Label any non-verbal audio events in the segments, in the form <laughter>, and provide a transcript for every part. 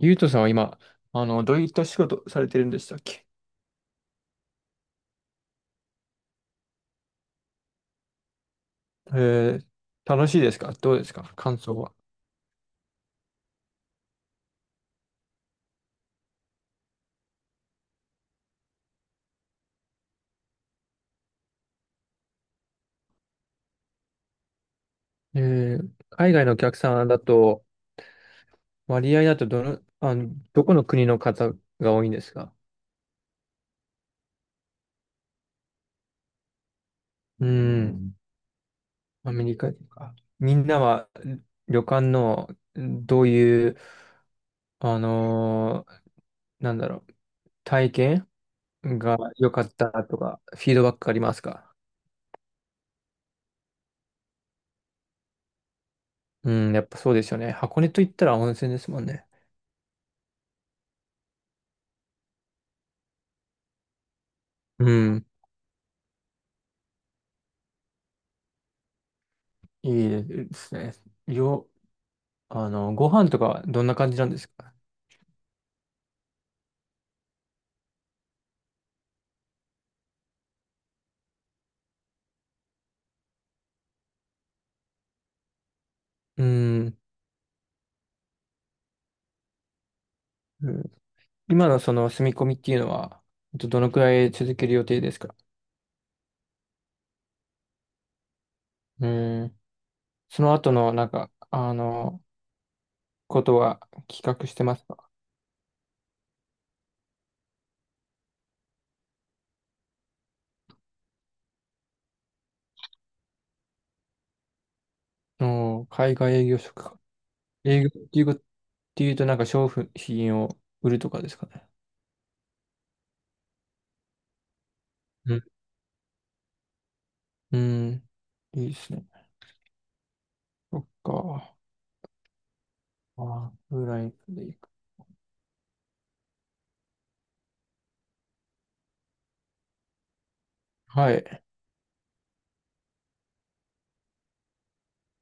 ゆうとさんは今、どういった仕事されてるんでしたっけ？えー、楽しいですか？どうですか？感想は。海外のお客さんだと、割合だとどこの国の方が多いんですか？うーん、アメリカとか。みんなは旅館のどういう、あのーなんだろう、体験が良かったとか、フィードバックありますか？うん、やっぱそうですよね。箱根といったら温泉ですもんね。うん。いいですね。よ、あの、ご飯とかはどんな感じなんですか？うん。うん。今のその住み込みっていうのは、どのくらい続ける予定ですか？うん。その後の、ことは企画してますか？うん。海外営業職か。営業っていうこと、っていうと、なんか商品を売るとかですかね。うん。うん。いいですね。そっか。あフライトでいく。はい。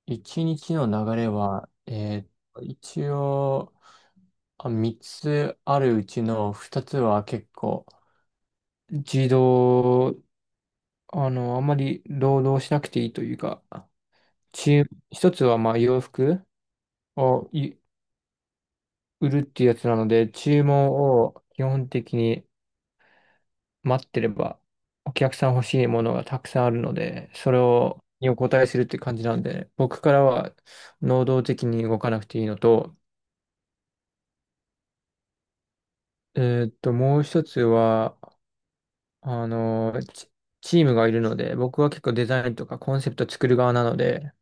一日の流れは、一応、三つあるうちの二つは結構、自動、あの、あまり労働しなくていいというか、注一つはまあ洋服を売るっていうやつなので、注文を基本的に待ってれば、お客さん欲しいものがたくさんあるので、それをにお答えするって感じなんで、僕からは能動的に動かなくていいのと、えもう一つは、あのー、チ、チームがいるので、僕は結構デザインとかコンセプト作る側なので、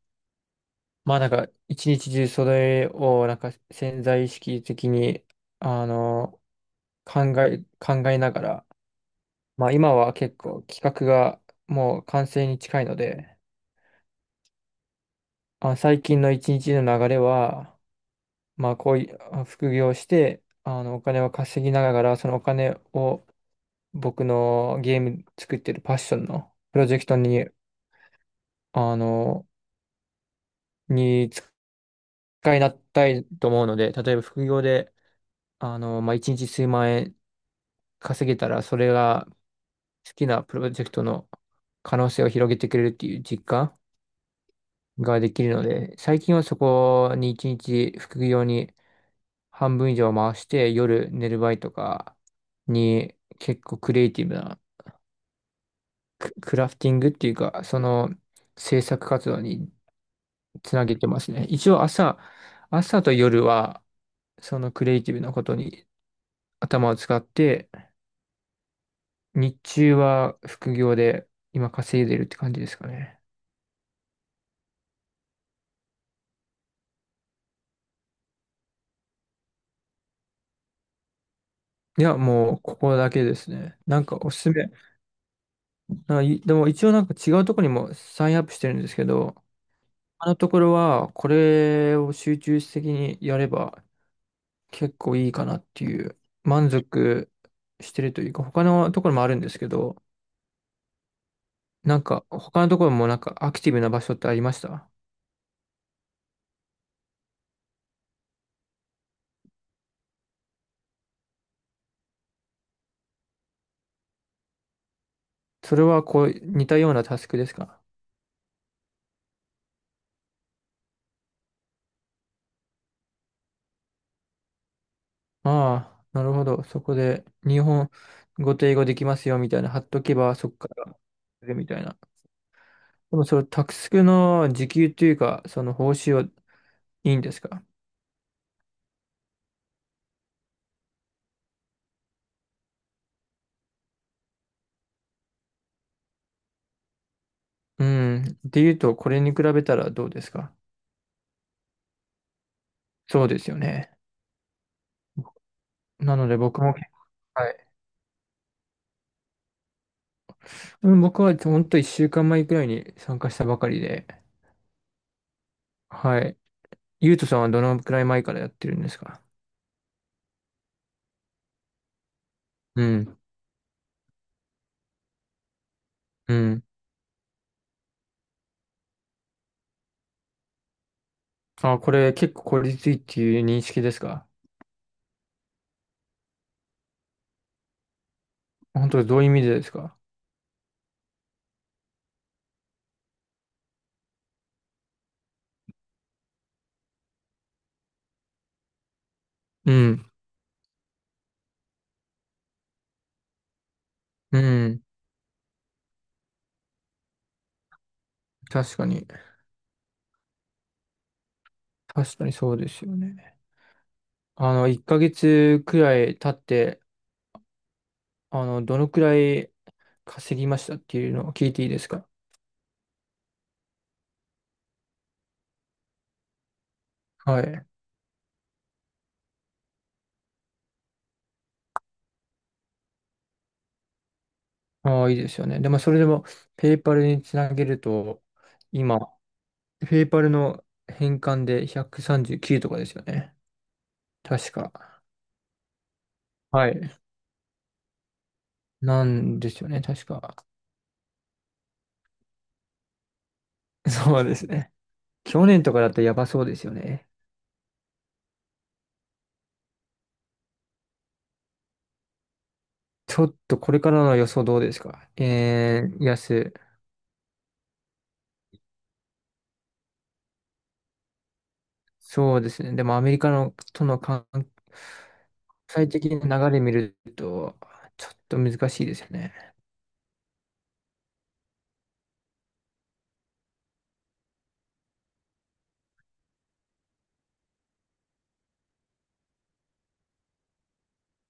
まあなんか一日中それをなんか潜在意識的に、あの考えながら、まあ今は結構企画がもう完成に近いので、最近の一日の流れは、まあこういう副業をして、お金を稼ぎながら、そのお金を僕のゲーム作ってるパッションのプロジェクトに、あの、に回なったいと思うので、例えば副業で、まあ、一日数万円稼げたら、それが好きなプロジェクトの可能性を広げてくれるっていう実感ができるので、最近はそこに一日副業に半分以上回して、夜寝る前とかに結構クリエイティブなクラフティングっていうか、その制作活動につなげてますね。一応朝と夜は、そのクリエイティブなことに頭を使って、日中は副業で今稼いでるって感じですかね。いや、もうここだけですね。なんかおすすめ。なんかでも一応なんか違うところにもサインアップしてるんですけど、あのところはこれを集中的にやれば結構いいかなっていう満足してるというか、他のところもあるんですけど、なんか他のところもなんかアクティブな場所ってありました？それはこう似たようなタスクですか？ああ、なるほど。そこで、日本語と英語できますよ、みたいな、貼っとけば、そこから、でみたいな。でも、それ、タクスクの時給というか、その報酬はいいんですか？うん。っていうと、これに比べたらどうですか？そうですよね。なので、僕も、はい。うん。僕は、本当と1週間前くらいに参加したばかりで、はい。ゆうとさんはどのくらい前からやってるんですか？うん。うん。これ、結構効率いいっていう認識ですか？本当、どういう意味でですか？うんうん。確かに。確かにそうですよね。1ヶ月くらい経って、どのくらい稼ぎましたっていうのを聞いていいですか？はい。ああ、いいですよね。でも、それでも、ペイパルにつなげると、今、ペイパルの返還で139とかですよね。確か。はい。なんですよね、確か。<laughs> そうですね。去年とかだったらやばそうですよね。ちょっとこれからの予想どうですか？安。そうですね。でもアメリカのとの関国際的な流れ見ると、ちょっと難しいですよね。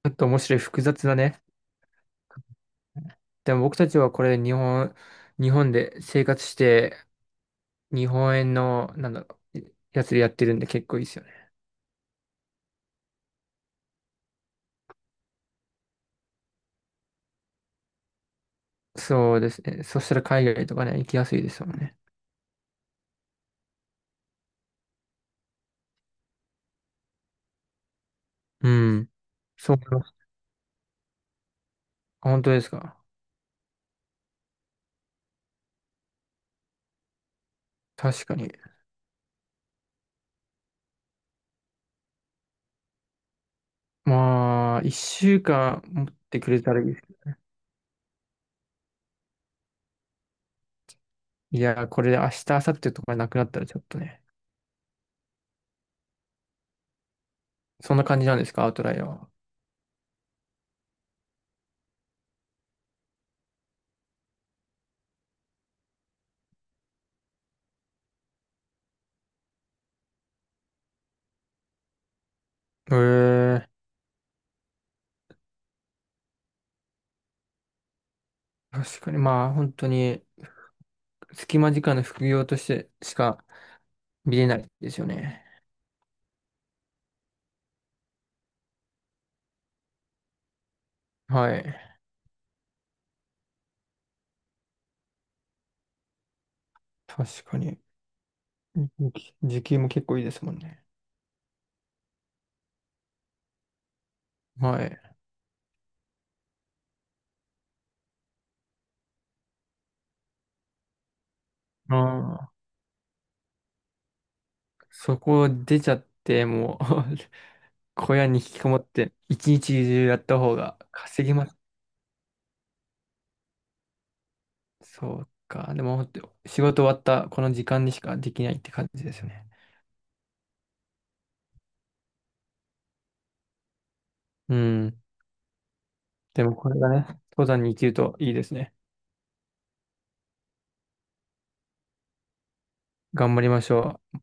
ちょっと面白い複雑だね。でも僕たちはこれ日本で生活して、日本円の、なんだろう、やつでやってるんで結構いいですよね。そうですね。そしたら海外とかね、行きやすいですもんね。うん。そう思います。本当ですか？確かに。まあ、一週間持ってくれたらいいです。いや、これで明日、明後日とかなくなったらちょっとね。そんな感じなんですか、アウトライアーは。へえ。確かに、まあ、本当に、隙間時間の副業としてしか見れないですよね。はい。確かに。時給も結構いいですもんね。はい。ああ、そこ出ちゃって、もう <laughs> 小屋に引きこもって、一日中やった方が稼ぎます。そうか。でも、本当仕事終わったこの時間にしかできないって感じですよね。うん。でも、これがね、登山に生きるといいですね。頑張りましょう。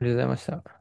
りがとうございました。